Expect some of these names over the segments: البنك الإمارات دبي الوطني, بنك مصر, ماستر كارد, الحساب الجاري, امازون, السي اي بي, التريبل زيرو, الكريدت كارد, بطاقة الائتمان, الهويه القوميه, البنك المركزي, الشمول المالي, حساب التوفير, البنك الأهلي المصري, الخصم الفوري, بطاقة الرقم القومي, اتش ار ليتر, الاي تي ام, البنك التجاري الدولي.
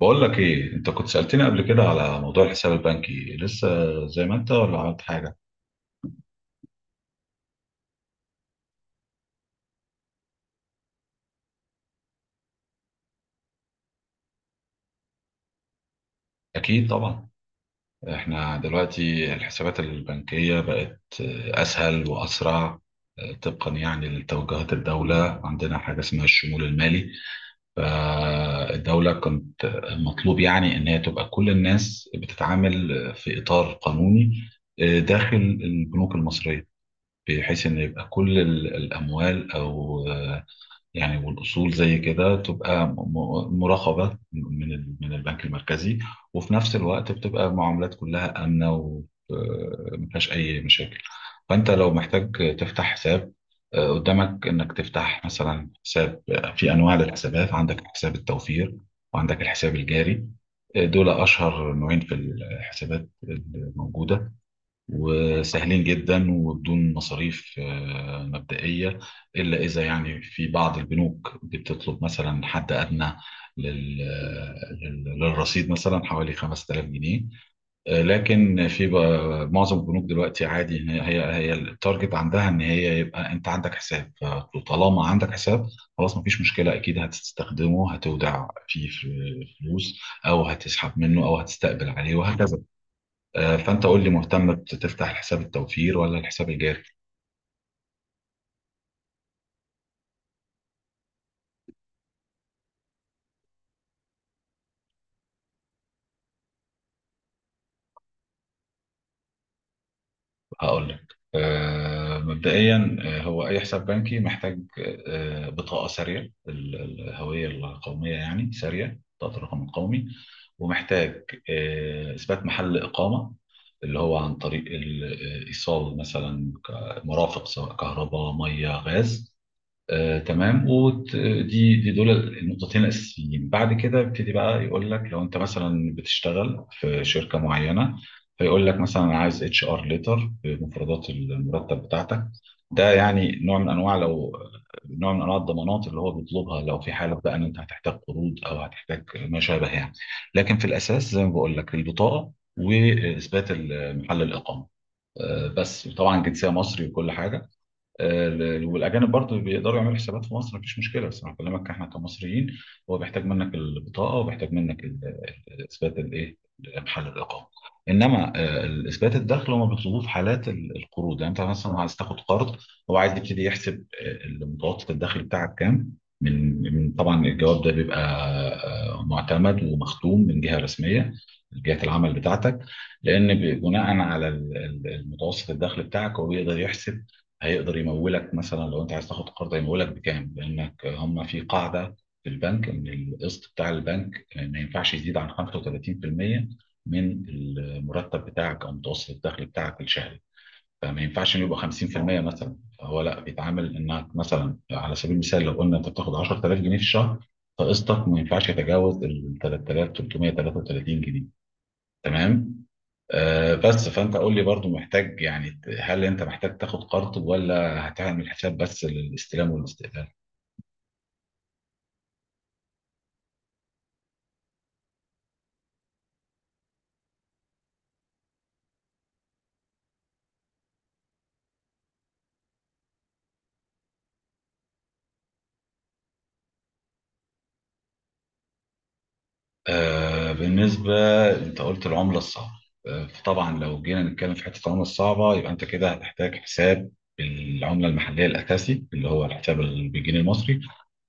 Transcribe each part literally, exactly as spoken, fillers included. بقول لك ايه، انت كنت سألتني قبل كده على موضوع الحساب البنكي لسه زي ما انت ولا عملت حاجة. اكيد طبعا. احنا دلوقتي الحسابات البنكية بقت آه، اسهل واسرع. آه، طبقا يعني لتوجهات الدولة، عندنا حاجة اسمها الشمول المالي. فالدولة كنت مطلوب يعني ان هي تبقى كل الناس بتتعامل في اطار قانوني، آه، داخل البنوك المصرية، بحيث ان يبقى كل ال- الاموال او يعني والاصول زي كده تبقى م- م- مراقبه من ال- من البنك المركزي. وفي نفس الوقت بتبقى المعاملات كلها امنه وما فيهاش اي مشاكل. فانت لو محتاج تفتح حساب، آه، قدامك انك تفتح مثلا حساب. في انواع للحسابات: عندك حساب التوفير وعندك الحساب الجاري. آه، دول اشهر نوعين في الحسابات الموجوده، وسهلين جدا وبدون مصاريف آه، مبدئية، إلا إذا يعني في بعض البنوك بتطلب مثلا حد أدنى لل- لل- للرصيد، مثلا حوالي خمسة آلاف جنيه. آه، لكن في بقى- معظم البنوك دلوقتي عادي، إن هي هي هي التارجت عندها ان هي يبقى انت عندك حساب. فطالما عندك حساب خلاص مفيش مشكله، اكيد هتستخدمه، هتودع فيه فلوس او هتسحب منه او هتستقبل عليه، وهكذا. آه، فانت قول لي، مهتم بتفتح حساب التوفير ولا الحساب الجاري؟ هقول لك. آه، مبدئيا، آه، هو اي حساب بنكي محتاج آه، بطاقه ساريه، ال- ال- الهويه القوميه يعني ساريه، بطاقه الرقم القومي. ومحتاج آه، اثبات محل اقامه، اللي هو عن طريق الايصال، مثلا ك- مرافق سواء كهرباء، ميه، غاز. آه، تمام. ودي دي دول النقطتين الاساسيين. بعد كده يبتدي بقى يقول لك لو انت مثلا بتشتغل في شركه معينه، فيقول لك مثلا انا عايز اتش ار ليتر بمفردات المرتب بتاعتك. ده يعني نوع من انواع لو نوع من انواع الضمانات اللي هو بيطلبها، لو في حاله بقى ان انت هتحتاج قروض او هتحتاج ما شابه يعني. لكن في الاساس زي ما بقول لك البطاقه واثبات محل الاقامه. آه، بس طبعا جنسيه مصري وكل حاجه. آه، ال- والاجانب برضه بيقدروا يعملوا حسابات في مصر، مفيش مشكله، بس انا بكلمك احنا كمصريين. هو بيحتاج منك البطاقه وبيحتاج منك اثبات الايه؟ محل الاقامه. انما آه، اثبات الدخل هم بيطلبوه في حالات ال- القروض، يعني انت مثلا عايز تاخد قرض، هو عايز يبتدي يحسب آه، متوسط الدخل بتاعك كام. من من- طبعا الجواب ده بيبقى آه، معتمد ومختوم من جهه رسميه، جهه العمل بتاعتك، لان ب- بناء على ال- ال- المتوسط الدخل بتاعك هو بيقدر يحسب، هيقدر يمولك. مثلا لو انت عايز تاخد قرض هيمولك بكام، لانك هم في قاعده في البنك ان القسط بتاع البنك آه، ما ينفعش يزيد عن خمسة وثلاثين في المئة من المرتب بتاعك او متوسط الدخل بتاعك الشهري. فما ينفعش انه يبقى خمسين في المئة مثلا، فهو لا، بيتعامل انك مثلا على سبيل المثال لو قلنا انت بتاخد عشرتلاف جنيه في الشهر، فقسطك ما ينفعش يتجاوز ال تلاتة آلاف وتلتمية تلاتة وتلاتين جنيه. تمام؟ آه بس فانت قول لي برضو، محتاج يعني، هل انت محتاج تاخد قرض ولا هتعمل حساب بس للاستلام والاستقلال؟ آه بالنسبة، انت قلت العملة الصعبة. آه فطبعا لو جينا نتكلم في حتة العملة الصعبة، يبقى انت كده هتحتاج حساب بالعملة المحلية الأساسي اللي هو الحساب ال- بالجنيه المصري،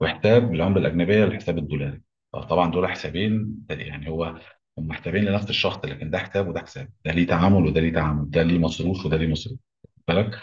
وحساب بالعملة الأجنبية الحساب الدولاري. فطبعا دول حسابين، يعني هو هم حسابين لنفس الشخص، لكن ده حساب وده حساب، ده ليه تعامل وده ليه تعامل، ده ليه مصروف وده ليه مصروف، بالك.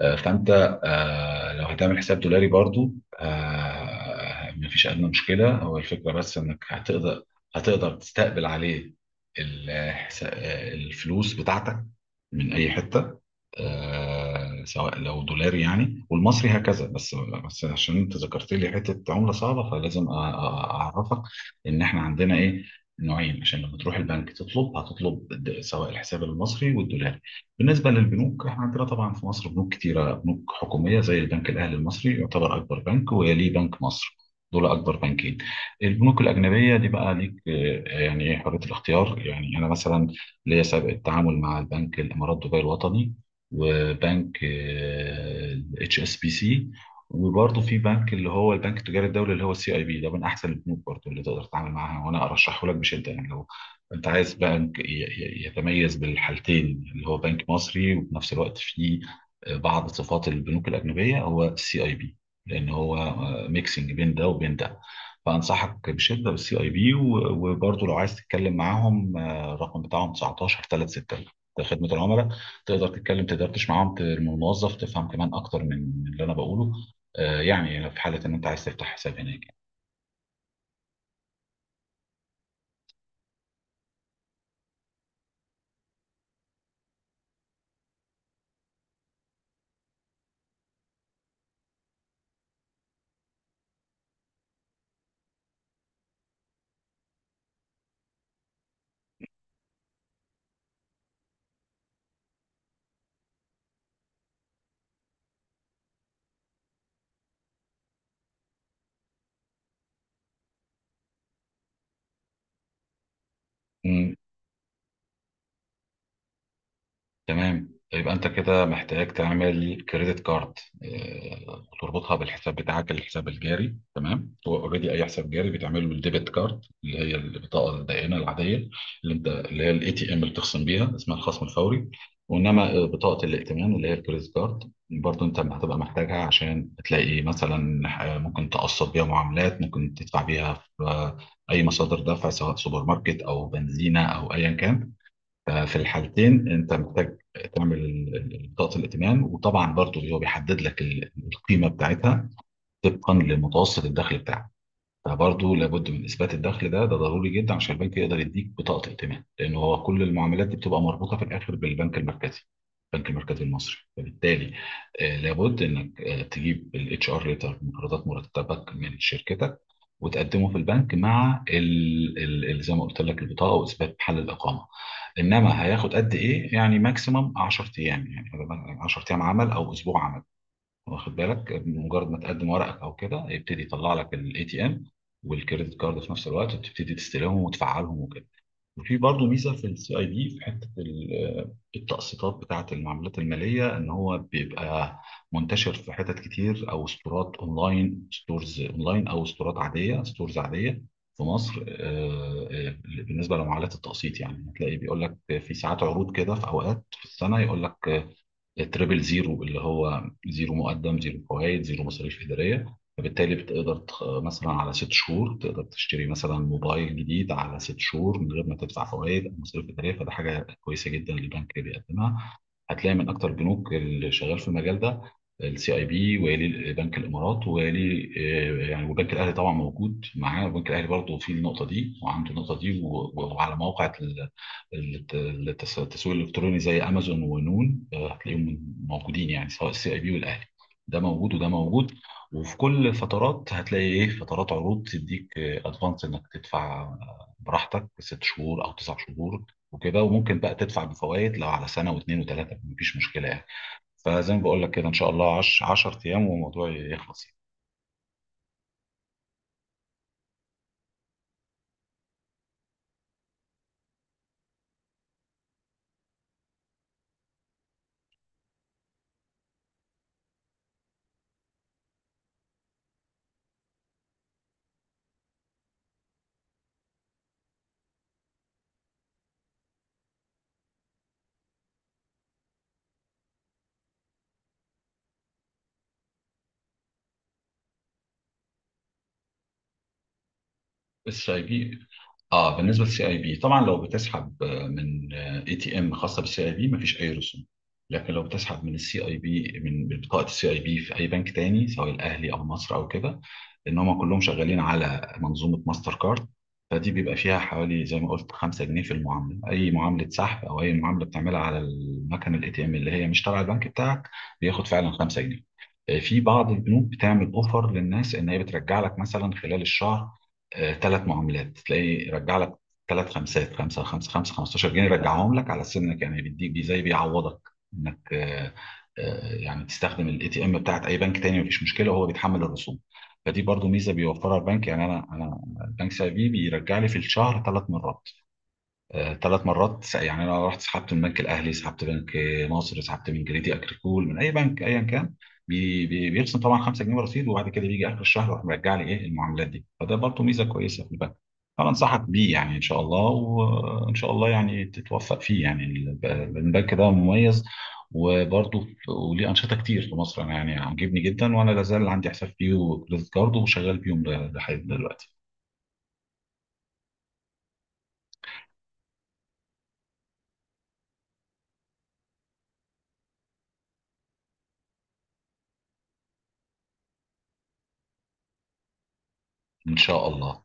آه، فانت، آه، لو هتعمل حساب دولاري برضو، آه، مفيش ادنى مشكله. هو الفكره بس انك هتقدر، هتقدر تستقبل عليه الحس- آه، الفلوس بتاعتك من اي حته، آه، سواء لو دولاري يعني والمصري، هكذا. بس بس عشان انت ذكرت لي حته عمله صعبه، فلازم أ- أ- اعرفك ان احنا عندنا ايه؟ نوعين، عشان لما تروح البنك تطلب هتطلب د- سواء الحساب المصري والدولاري. بالنسبة للبنوك، احنا عندنا طبعا في مصر بنوك كتيرة، بنوك حكومية زي البنك الأهلي المصري يعتبر أكبر بنك، ويليه بنك مصر. دول أكبر بنكين. البنوك الأجنبية دي بقى ليك آه، يعني إيه، حرية الاختيار. يعني أنا مثلا ليا سابق التعامل مع البنك الإمارات دبي الوطني، وبنك اتش اس بي سي، وبرضه في بنك اللي هو البنك التجاري الدولي، اللي هو السي اي بي. ده من احسن البنوك برضه اللي تقدر تتعامل معاها، وانا ارشحه لك بشده. يعني لو انت عايز بنك ي- ي- يتميز بالحالتين، اللي هو بنك مصري وفي نفس الوقت فيه بعض صفات البنوك الاجنبيه، هو السي اي بي، لان هو ميكسنج بين ده وبين ده. فانصحك بشده بالسي اي بي. وبرضه لو عايز تتكلم معاهم، آه، الرقم بتاعهم تسعتاشر تلاتة ستة، ده خدمه العملاء. تقدر تتكلم تدردش معاهم، ت- الموظف تفهم كمان اكتر من من اللي انا بقوله، آه، يعني لو في حاله ان انت عايز تفتح حساب هناك. تمام، يبقى انت كده محتاج تعمل كريدت كارد، آه، وتربطها بالحساب بتاعك الحساب الجاري. تمام. هو اوريدي اي حساب جاري بتعمله بالديبت كارد، اللي هي البطاقه الدائنه العاديه اللي انت، اللي هي الاي تي ام اللي بتخصم بيها اسمها الخصم الفوري. وانما آه، بطاقه الائتمان اللي هي الكريدت كارد، برضه انت هتبقى محتاجها عشان تلاقي مثلا آه، ممكن تقسط بيها معاملات، ممكن تدفع بيها في آه، اي مصادر دفع سواء سوبر ماركت او بنزينه او ايا كان. ففي الحالتين انت محتاج تعمل ال- ال- بطاقه الائتمان. وطبعا برضه هو بيحدد لك ال- القيمه بتاعتها طبقا لمتوسط الدخل بتاعك. فبرضه لابد من اثبات الدخل. ده ده ضروري جدا عشان البنك يقدر يديك بطاقه ائتمان، لان هو كل المعاملات دي بتبقى مربوطه في الاخر بالبنك المركزي، البنك المركزي المصري. فبالتالي آه، لابد انك آه، تجيب الاتش ار ليتر مقرضات مرتبك من شركتك، وتقدمه في البنك مع ال... ال... ال- زي ما قلت لك البطاقه واثبات محل الاقامه. انما هياخد قد ايه؟ يعني ماكسيمم عشر ايام يعني، عشر ايام عمل او اسبوع عمل. واخد بالك، مجرد ما تقدم ورقك او كده يبتدي يطلع لك الاي تي ام والكريدت كارد في نفس الوقت، وتبتدي تستلمهم وتفعلهم وكده. وفي برضه ميزه في السي اي دي في حته ال- التقسيطات بتاعه المعاملات الماليه، ان هو بيبقى منتشر في حتت كتير، او ستورات اونلاين ستورز اونلاين او ستورات عاديه ستورز عاديه في مصر. آه، آه، بالنسبه لمعاملات التقسيط يعني هتلاقي بيقول لك في ساعات عروض كده، في اوقات في السنه يقول لك التريبل زيرو، اللي هو زيرو مقدم، زيرو فوائد، زيرو مصاريف إدارية. فبالتالي بتقدر تخ... مثلا على ست شهور تقدر تشتري مثلا موبايل جديد على ست شهور من غير ما تدفع فوائد أو مصاريف إدارية، فده حاجة كويسة جدا للبنك بيقدمها. هتلاقي من أكتر البنوك اللي شغال في المجال ده السي اي بي، ويلي بنك الامارات، ويلي آه، يعني، وبنك الاهلي طبعا موجود معاه. وبنك الاهلي برضه في النقطه دي، وعنده النقطه دي، و- وعلى موقع الت- التس- التسويق الالكتروني زي امازون ونون، آه، هتلاقيهم موجودين يعني سواء السي اي بي والاهلي. ده موجود وده موجود. وفي كل فترات هتلاقي ايه، فترات عروض تديك ادفانس انك تدفع آه، براحتك ست شهور او تسع شهور وكده. وممكن بقى تدفع بفوائد لو على سنه واثنين وثلاثه، مفيش مشكله يعني. فزي ما بقول لك كده، ان شاء الله عشر عش... عشرة ايام والموضوع يخلص يعني. السي اي بي. اه، بالنسبه للسي اي بي طبعا لو بتسحب آه، من اي تي ام خاصه بالسي اي بي، مفيش اي رسوم. لكن لو بتسحب من السي اي بي، من بطاقه السي اي بي في اي بنك تاني سواء الاهلي او مصر او كده، ان هم كلهم شغالين على منظومه ماستر كارد. فدي بيبقى فيها حوالي زي ما قلت خمسة جنيه في المعامله، اي معامله سحب او اي معامله بتعملها على المكنه الاي تي ام اللي هي مش تبع البنك بتاعك، بياخد فعلا خمسة جنيه. آه، في بعض البنوك بتعمل اوفر للناس ان هي بترجع لك مثلا خلال الشهر ثلاث معاملات، تلاقي رجع لك ثلاث خمسات، خمسة خمسة خمسة خمستاشر جنيه، رجعهم لك على سنك يعني، بيديك بي- زي بيعوضك انك آه، آه، يعني تستخدم الاي تي ام بتاعت اي بنك تاني، مفيش مشكله، وهو بيتحمل الرسوم. فدي برضو ميزه بيوفرها البنك. يعني انا انا البنك سي اي بي بيرجع لي في الشهر ثلاث مرات. ثلاث مرات س- يعني انا رحت سحبت من بنك الاهلي، سحبت بنك مصر، سحبت من جريدي اكريكول، من اي بنك ايا كان، بي بي بيرسم طبعا خمسة جنيه رصيد، وبعد كده بيجي اخر الشهر يروح مرجع لي ايه المعاملات دي. فده برضه ميزه كويسه في البنك، فانا انصحك بيه يعني ان شاء الله، وان شاء الله يعني تتوفق فيه يعني. الب- البنك ده مميز، وبرضه ف- وليه انشطه كتير في مصر. انا يعني عاجبني جدا، وانا لازال عندي حساب فيه وكريدت كارد وشغال بيهم ل- لحد دلوقتي. ان شاء الله.